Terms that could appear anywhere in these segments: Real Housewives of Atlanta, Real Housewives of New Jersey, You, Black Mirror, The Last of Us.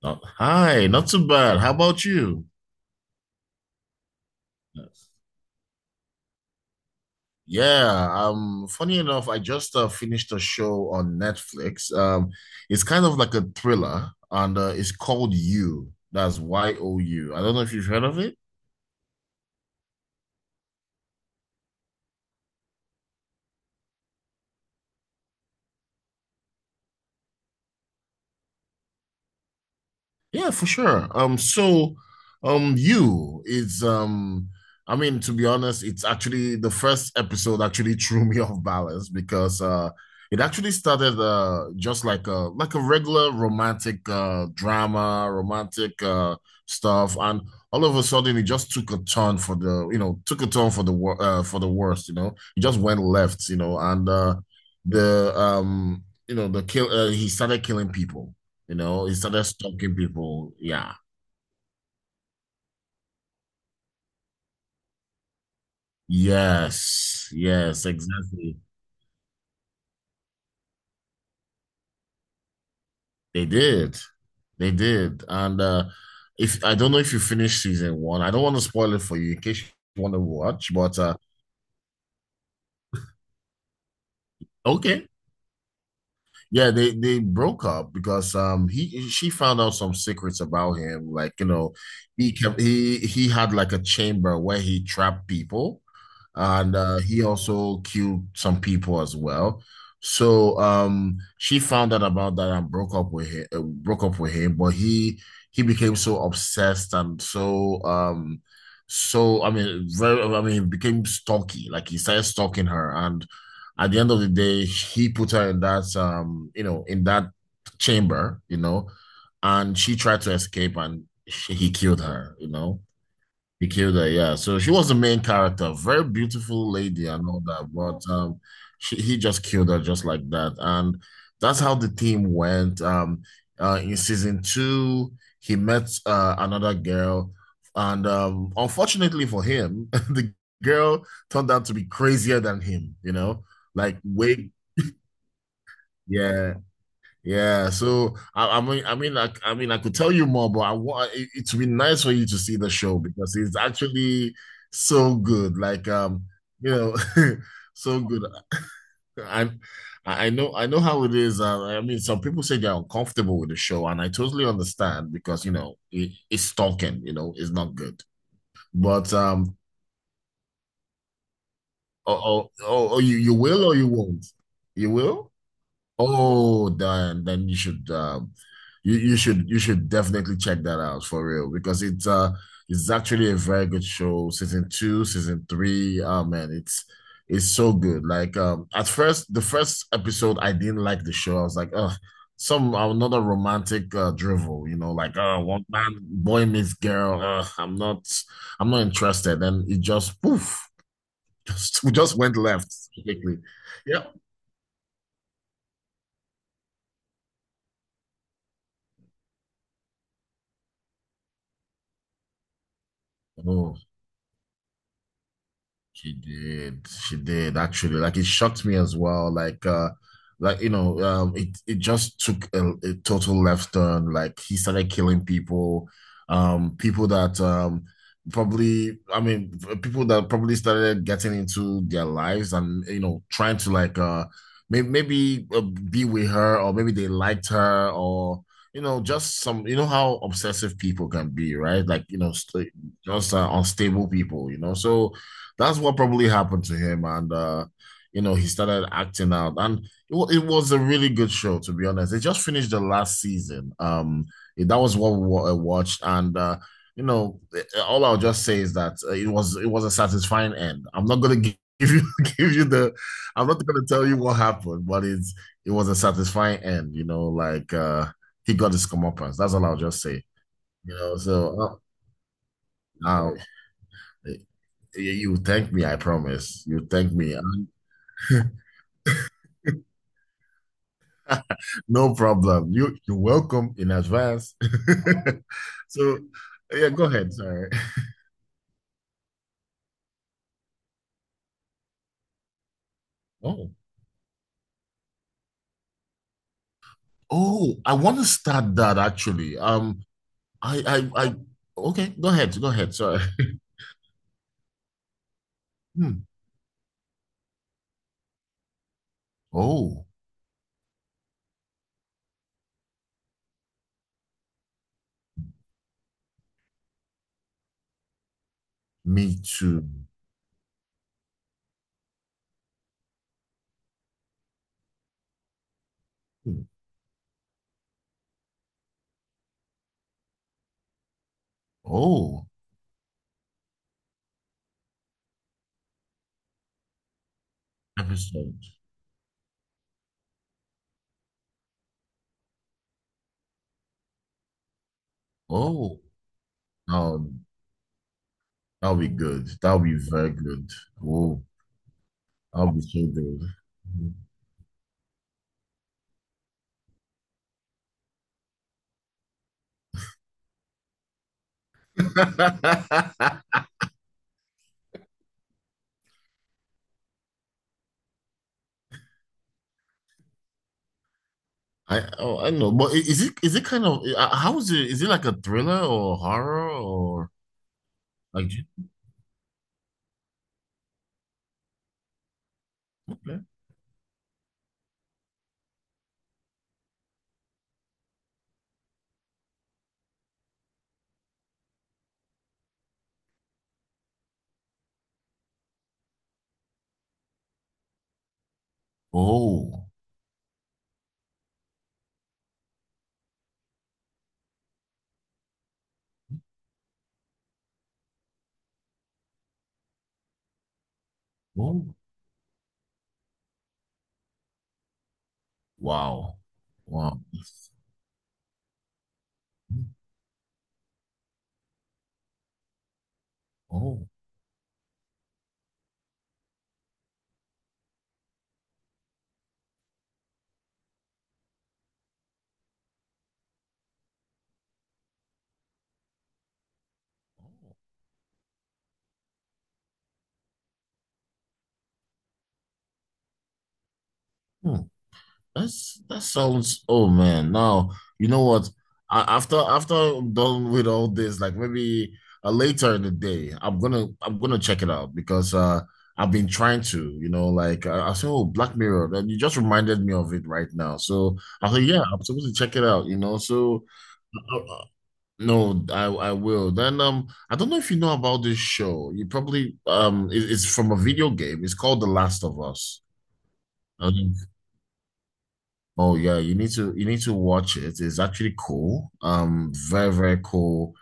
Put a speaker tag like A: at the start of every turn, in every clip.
A: Not, hi. Not too bad. How about you? Yes. Yeah, funny enough, I just finished a show on Netflix. It's kind of like a thriller, and it's called You. That's You. I don't know if you've heard of it. Yeah, for sure. You is I mean, to be honest, it's actually the first episode actually threw me off balance because it actually started just like a regular romantic drama, romantic stuff, and all of a sudden it just took a turn for the took a turn for the wor for the worst. You know, it just went left. You know, and the the kill he started killing people, you know, he started stalking people. Yeah. Yes. Yes, exactly. They did. They did. And if I don't know if you finished season one. I don't want to spoil it for you in case you want to watch, but okay. Yeah, they broke up because he she found out some secrets about him. Like, you know, he kept he had like a chamber where he trapped people, and he also killed some people as well. So she found out about that and broke up with him, but he became so obsessed and so I mean he became stalky. Like he started stalking her, and at the end of the day, he put her in that, you know, in that chamber, you know, and she tried to escape and he killed her, you know. He killed her, yeah. So she was the main character, very beautiful lady and all that, but she he just killed her just like that, and that's how the team went. In season two, he met another girl, and, unfortunately for him, the girl turned out to be crazier than him. You know, like way, yeah, yeah, so I could tell you more, but it would be nice for you to see the show because it's actually so good. You know, so good. I, I know how it is. I mean, some people say they're uncomfortable with the show, and I totally understand because you know it's stalking. You know, it's not good. But oh, oh, oh, oh, you will or you won't? You will? Oh, then you should you should definitely check that out for real because it's actually a very good show. Season two, season three, oh man, it's so good. At first the first episode I didn't like the show. I was like, oh, some another romantic drivel, you know, like oh one man boy meets girl. I'm not interested. And it just poof, just just went left quickly. Yeah. Oh. She did. She did actually. Like it shocked me as well. Like you know, it it just took a total left turn. Like he started killing people. People that, probably I mean people that probably started getting into their lives, and you know trying to like maybe be with her or maybe they liked her, or you know just some, you know how obsessive people can be, right? Like you know st Just unstable people, you know. So that's what probably happened to him, and you know he started acting out. And it was a really good show, to be honest. They just finished the last season. That was what I watched, and you know, eh, all I'll just say is that it was a satisfying end. I'm not gonna give you give you the, I'm not gonna tell you what happened, but it was a satisfying end. You know, like he got his comeuppance. That's all I'll just say. You know, so uh, Now you thank me, I promise. You thank me. No problem. You're welcome in advance. So yeah, go ahead. Sorry. Oh. Oh, I want to start that actually. I Okay, go ahead, go ahead. Sorry. Hmm. Oh, me too. Hmm. Oh, episode. Oh, um, that'll be good. That'll be very good. Oh, I'll be so good. I oh, I don't know, but is it kind of how is it? Is it like a thriller or horror or like? Do you? Okay. Oh, oh, wow, wow, oh, hmm. That sounds, oh man. Now you know what? I, after I'm done with all this, like maybe later in the day, I'm gonna check it out because I've been trying to, you know, like I said, oh Black Mirror, and you just reminded me of it right now. So I said, yeah, I'm supposed to check it out, you know. So uh, uh, no, I will. Then I don't know if you know about this show. You probably, it, it's from a video game. It's called The Last of Us. Oh yeah, you need to watch it. It's actually cool. Very, very cool.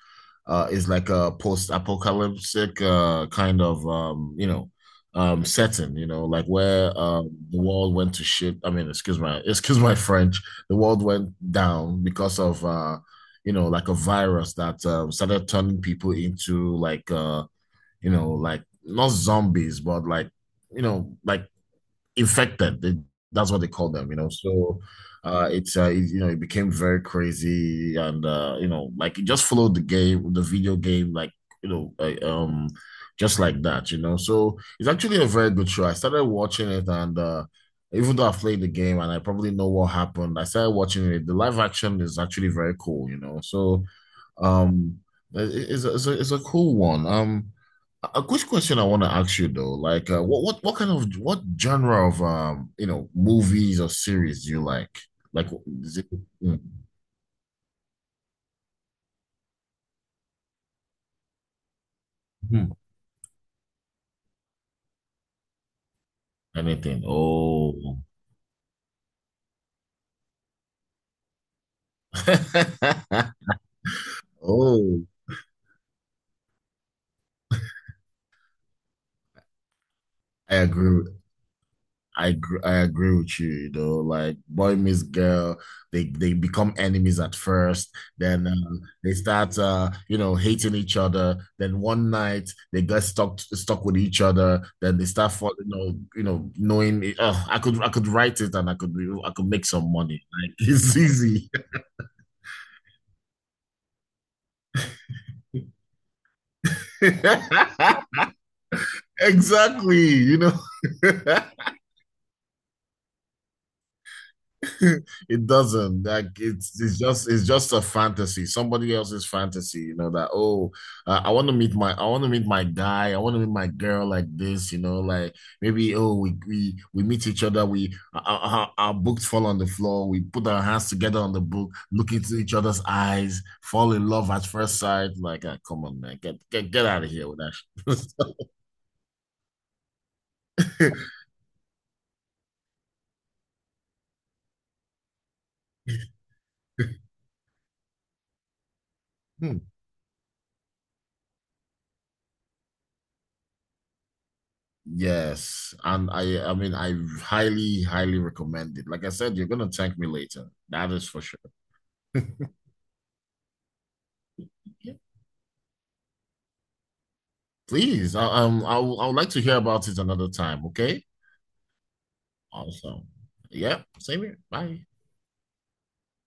A: It's like a post-apocalyptic kind of, you know, setting, you know, like where the world went to shit. I mean, excuse my excuse my French. The world went down because of, you know, like a virus that started turning people into like, you know, like not zombies, but like, you know, like infected. That's what they call them, you know. So you know it became very crazy, and you know like it just followed the game, the video game, like, you know uh, um just like that, you know. So it's actually a very good show. I started watching it, and even though I played the game and I probably know what happened, I started watching it. The live action is actually very cool, you know. So um, it's a, it's a cool one. A quick question I want to ask you though, like what genre of movies or series do you like? Like is it, mm, hmm, anything? Oh, oh, I agree. I agree with you, you know, like boy meets girl, they become enemies at first, then they start you know, hating each other. Then one night they get stuck with each other, then they start falling, you know, knowing oh, I could write it and I could make some money. Like it's easy. Exactly, you know. It doesn't. Like it's just a fantasy, somebody else's fantasy, you know, that oh, I want to meet my guy, I want to meet my girl like this, you know, like maybe oh we meet each other, we our books fall on the floor, we put our hands together on the book, look into each other's eyes, fall in love at first sight. Like, ah, come on, man, get out of here with that. Hmm. Yes, and I highly, highly recommend it. Like I said, you're gonna thank me later. That is for sure. Yeah. Please, I would like to hear about it another time, okay? Awesome. Yeah, same here. Bye.